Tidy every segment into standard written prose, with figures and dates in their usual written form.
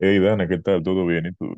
Hey Dana, ¿qué tal? ¿Todo bien? ¿Y tú?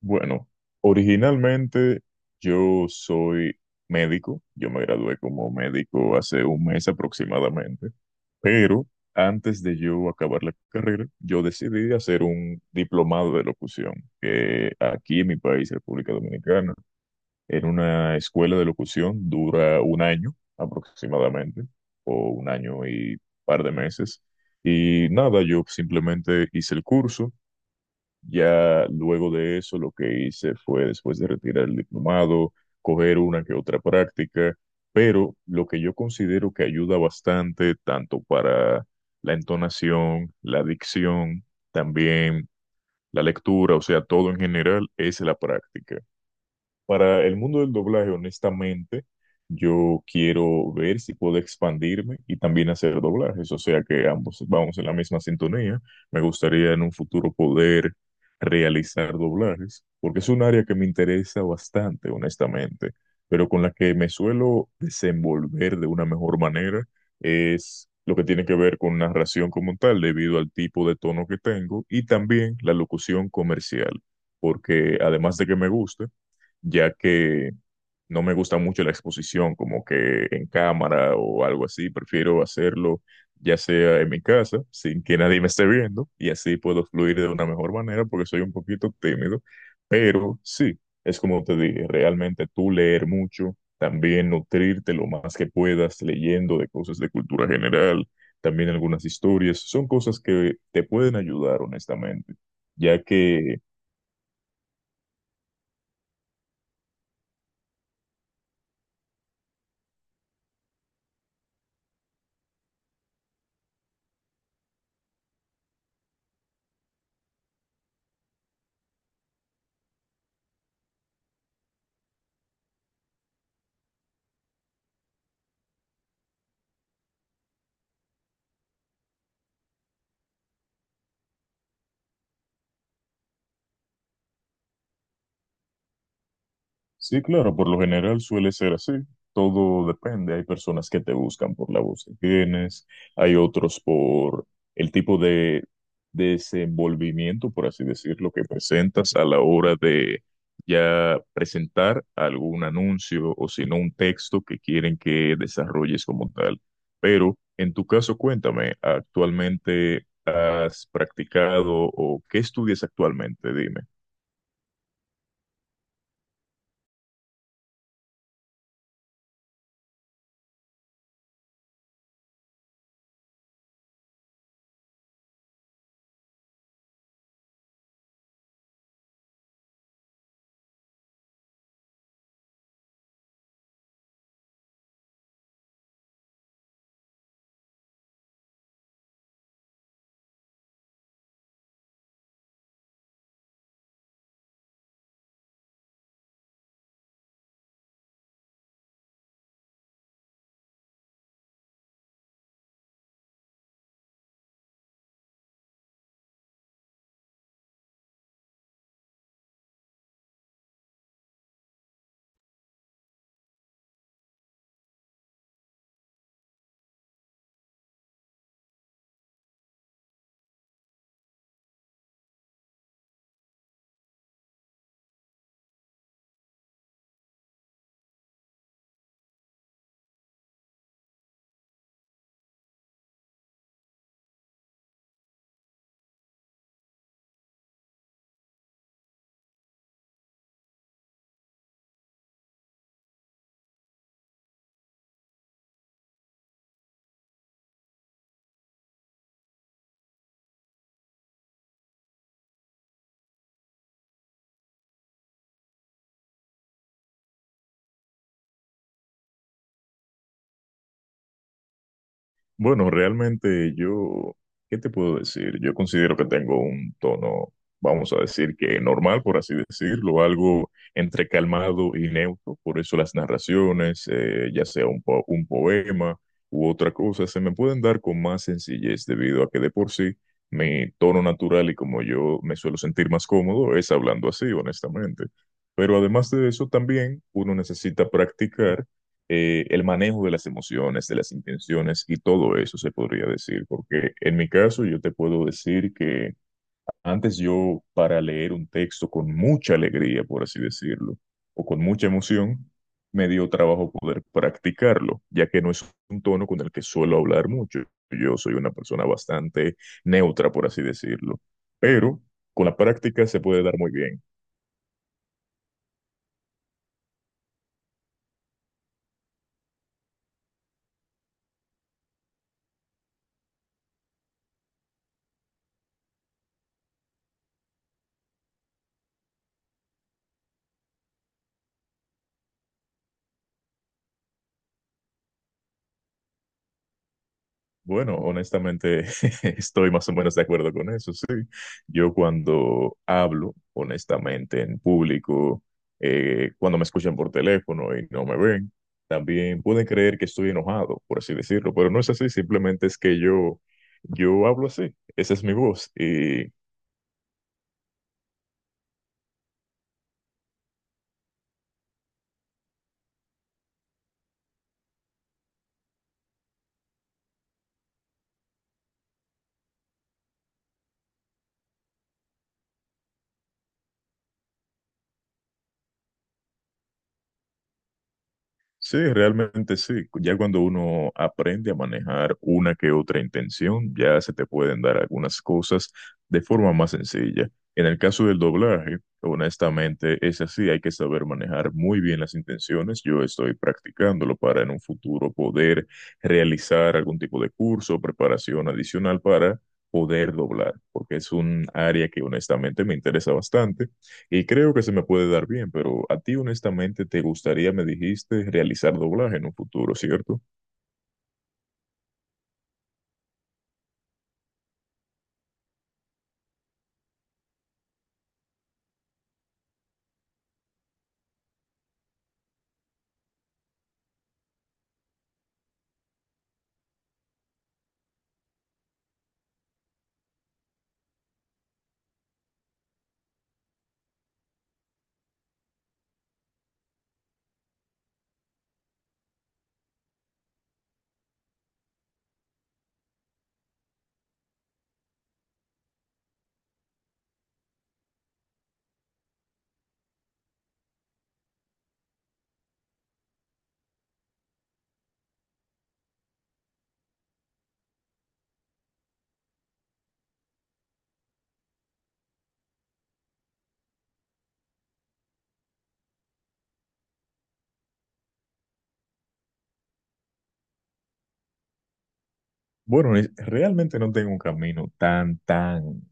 Bueno, originalmente yo soy médico, yo me gradué como médico hace 1 mes aproximadamente, pero antes de yo acabar la carrera, yo decidí hacer un diplomado de locución, que aquí en mi país, República Dominicana, en una escuela de locución dura 1 año aproximadamente, o 1 año y par de meses. Y nada, yo simplemente hice el curso. Ya luego de eso, lo que hice fue, después de retirar el diplomado, coger una que otra práctica, pero lo que yo considero que ayuda bastante, tanto para la entonación, la dicción, también la lectura, o sea, todo en general, es la práctica. Para el mundo del doblaje, honestamente, yo quiero ver si puedo expandirme y también hacer doblajes, o sea que ambos vamos en la misma sintonía. Me gustaría en un futuro poder realizar doblajes, porque es un área que me interesa bastante, honestamente, pero con la que me suelo desenvolver de una mejor manera es lo que tiene que ver con narración como tal, debido al tipo de tono que tengo y también la locución comercial, porque además de que me gusta, ya que no me gusta mucho la exposición como que en cámara o algo así, prefiero hacerlo ya sea en mi casa, sin que nadie me esté viendo, y así puedo fluir de una mejor manera porque soy un poquito tímido, pero sí, es como te dije, realmente tú leer mucho, también nutrirte lo más que puedas leyendo de cosas de cultura general, también algunas historias, son cosas que te pueden ayudar honestamente, ya que. Sí, claro, por lo general suele ser así. Todo depende. Hay personas que te buscan por la voz que tienes, hay otros por el tipo de desenvolvimiento, por así decirlo, que presentas a la hora de ya presentar algún anuncio o si no un texto que quieren que desarrolles como tal. Pero en tu caso, cuéntame, ¿actualmente has practicado o qué estudias actualmente? Dime. Bueno, realmente yo, ¿qué te puedo decir? Yo considero que tengo un tono, vamos a decir que normal, por así decirlo, algo entre calmado y neutro. Por eso las narraciones, ya sea un poema u otra cosa, se me pueden dar con más sencillez debido a que de por sí mi tono natural y como yo me suelo sentir más cómodo es hablando así, honestamente. Pero además de eso, también uno necesita practicar el manejo de las emociones, de las intenciones y todo eso se podría decir, porque en mi caso yo te puedo decir que antes yo para leer un texto con mucha alegría, por así decirlo, o con mucha emoción, me dio trabajo poder practicarlo, ya que no es un tono con el que suelo hablar mucho. Yo soy una persona bastante neutra, por así decirlo, pero con la práctica se puede dar muy bien. Bueno, honestamente, estoy más o menos de acuerdo con eso, sí. Yo cuando hablo, honestamente, en público, cuando me escuchan por teléfono y no me ven, también pueden creer que estoy enojado, por así decirlo, pero no es así, simplemente es que yo hablo así, esa es mi voz. Sí, realmente sí. Ya cuando uno aprende a manejar una que otra intención, ya se te pueden dar algunas cosas de forma más sencilla. En el caso del doblaje, honestamente es así, hay que saber manejar muy bien las intenciones. Yo estoy practicándolo para en un futuro poder realizar algún tipo de curso o preparación adicional para poder doblar, porque es un área que honestamente me interesa bastante y creo que se me puede dar bien, pero a ti honestamente te gustaría, me dijiste, realizar doblaje en un futuro, ¿cierto? Bueno, realmente no tengo un camino tan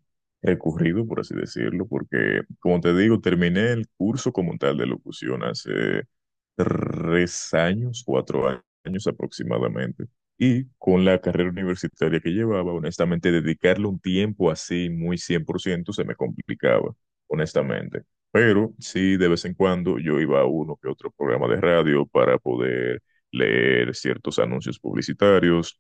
recurrido, por así decirlo, porque, como te digo, terminé el curso como tal de locución hace 3 años, 4 años aproximadamente. Y con la carrera universitaria que llevaba, honestamente, dedicarle un tiempo así muy 100% se me complicaba, honestamente. Pero sí, de vez en cuando yo iba a uno que otro programa de radio para poder leer ciertos anuncios publicitarios,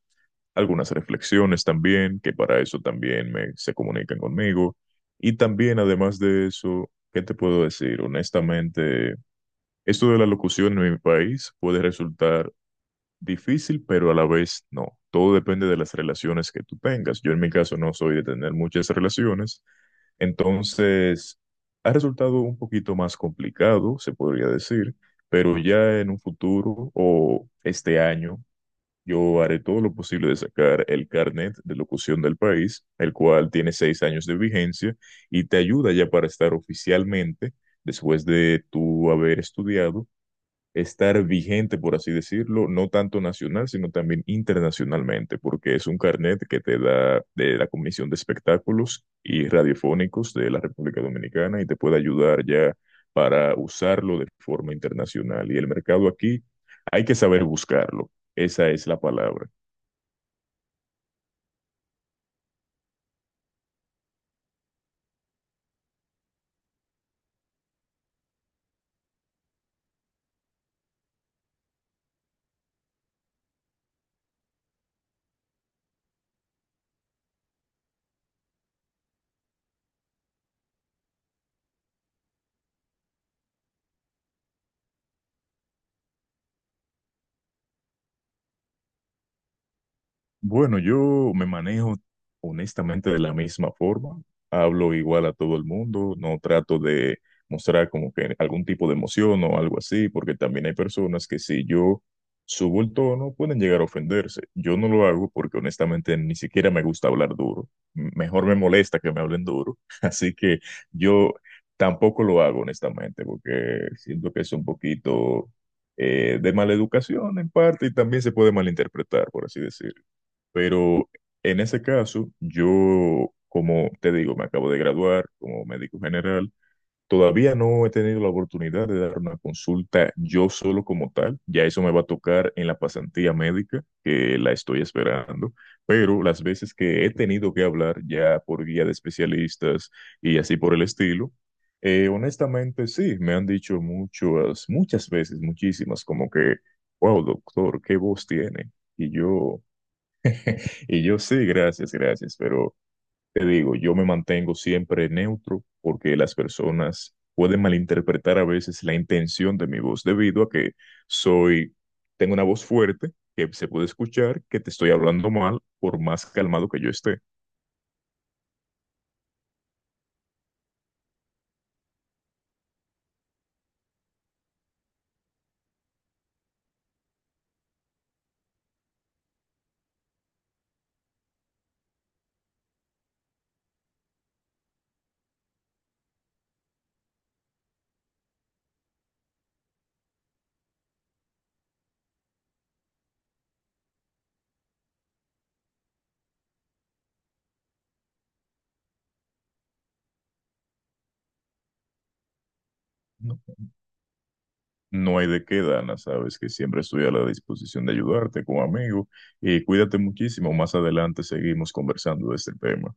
algunas reflexiones también, que para eso también se comunican conmigo. Y también, además de eso, ¿qué te puedo decir? Honestamente… Esto de la locución en mi país puede resultar difícil, pero a la vez no. Todo depende de las relaciones que tú tengas. Yo en mi caso no soy de tener muchas relaciones, entonces ha resultado un poquito más complicado, se podría decir, pero ya en un futuro o este año yo haré todo lo posible de sacar el carnet de locución del país, el cual tiene 6 años de vigencia y te ayuda ya para estar oficialmente después de tú haber estudiado estar vigente, por así decirlo, no tanto nacional, sino también internacionalmente, porque es un carnet que te da de la Comisión de Espectáculos y Radiofónicos de la República Dominicana y te puede ayudar ya para usarlo de forma internacional. Y el mercado aquí hay que saber buscarlo. Esa es la palabra. Bueno, yo me manejo honestamente de la misma forma. Hablo igual a todo el mundo, no trato de mostrar como que algún tipo de emoción o algo así, porque también hay personas que si yo subo el tono pueden llegar a ofenderse. Yo no lo hago porque honestamente ni siquiera me gusta hablar duro. Mejor me molesta que me hablen duro, así que yo tampoco lo hago honestamente, porque siento que es un poquito de mala educación en parte y también se puede malinterpretar, por así decirlo. Pero en ese caso, yo, como te digo, me acabo de graduar como médico general. Todavía no he tenido la oportunidad de dar una consulta yo solo como tal. Ya eso me va a tocar en la pasantía médica, que la estoy esperando. Pero las veces que he tenido que hablar ya por guía de especialistas y así por el estilo, honestamente sí, me han dicho muchas, muchas veces, muchísimas, como que, wow, doctor, qué voz tiene. Y yo… Y yo sí, gracias, gracias, pero te digo, yo me mantengo siempre neutro porque las personas pueden malinterpretar a veces la intención de mi voz debido a que soy, tengo una voz fuerte que se puede escuchar que te estoy hablando mal por más calmado que yo esté. No, no hay de qué, Dana, sabes que siempre estoy a la disposición de ayudarte como amigo y cuídate muchísimo. Más adelante seguimos conversando de este tema.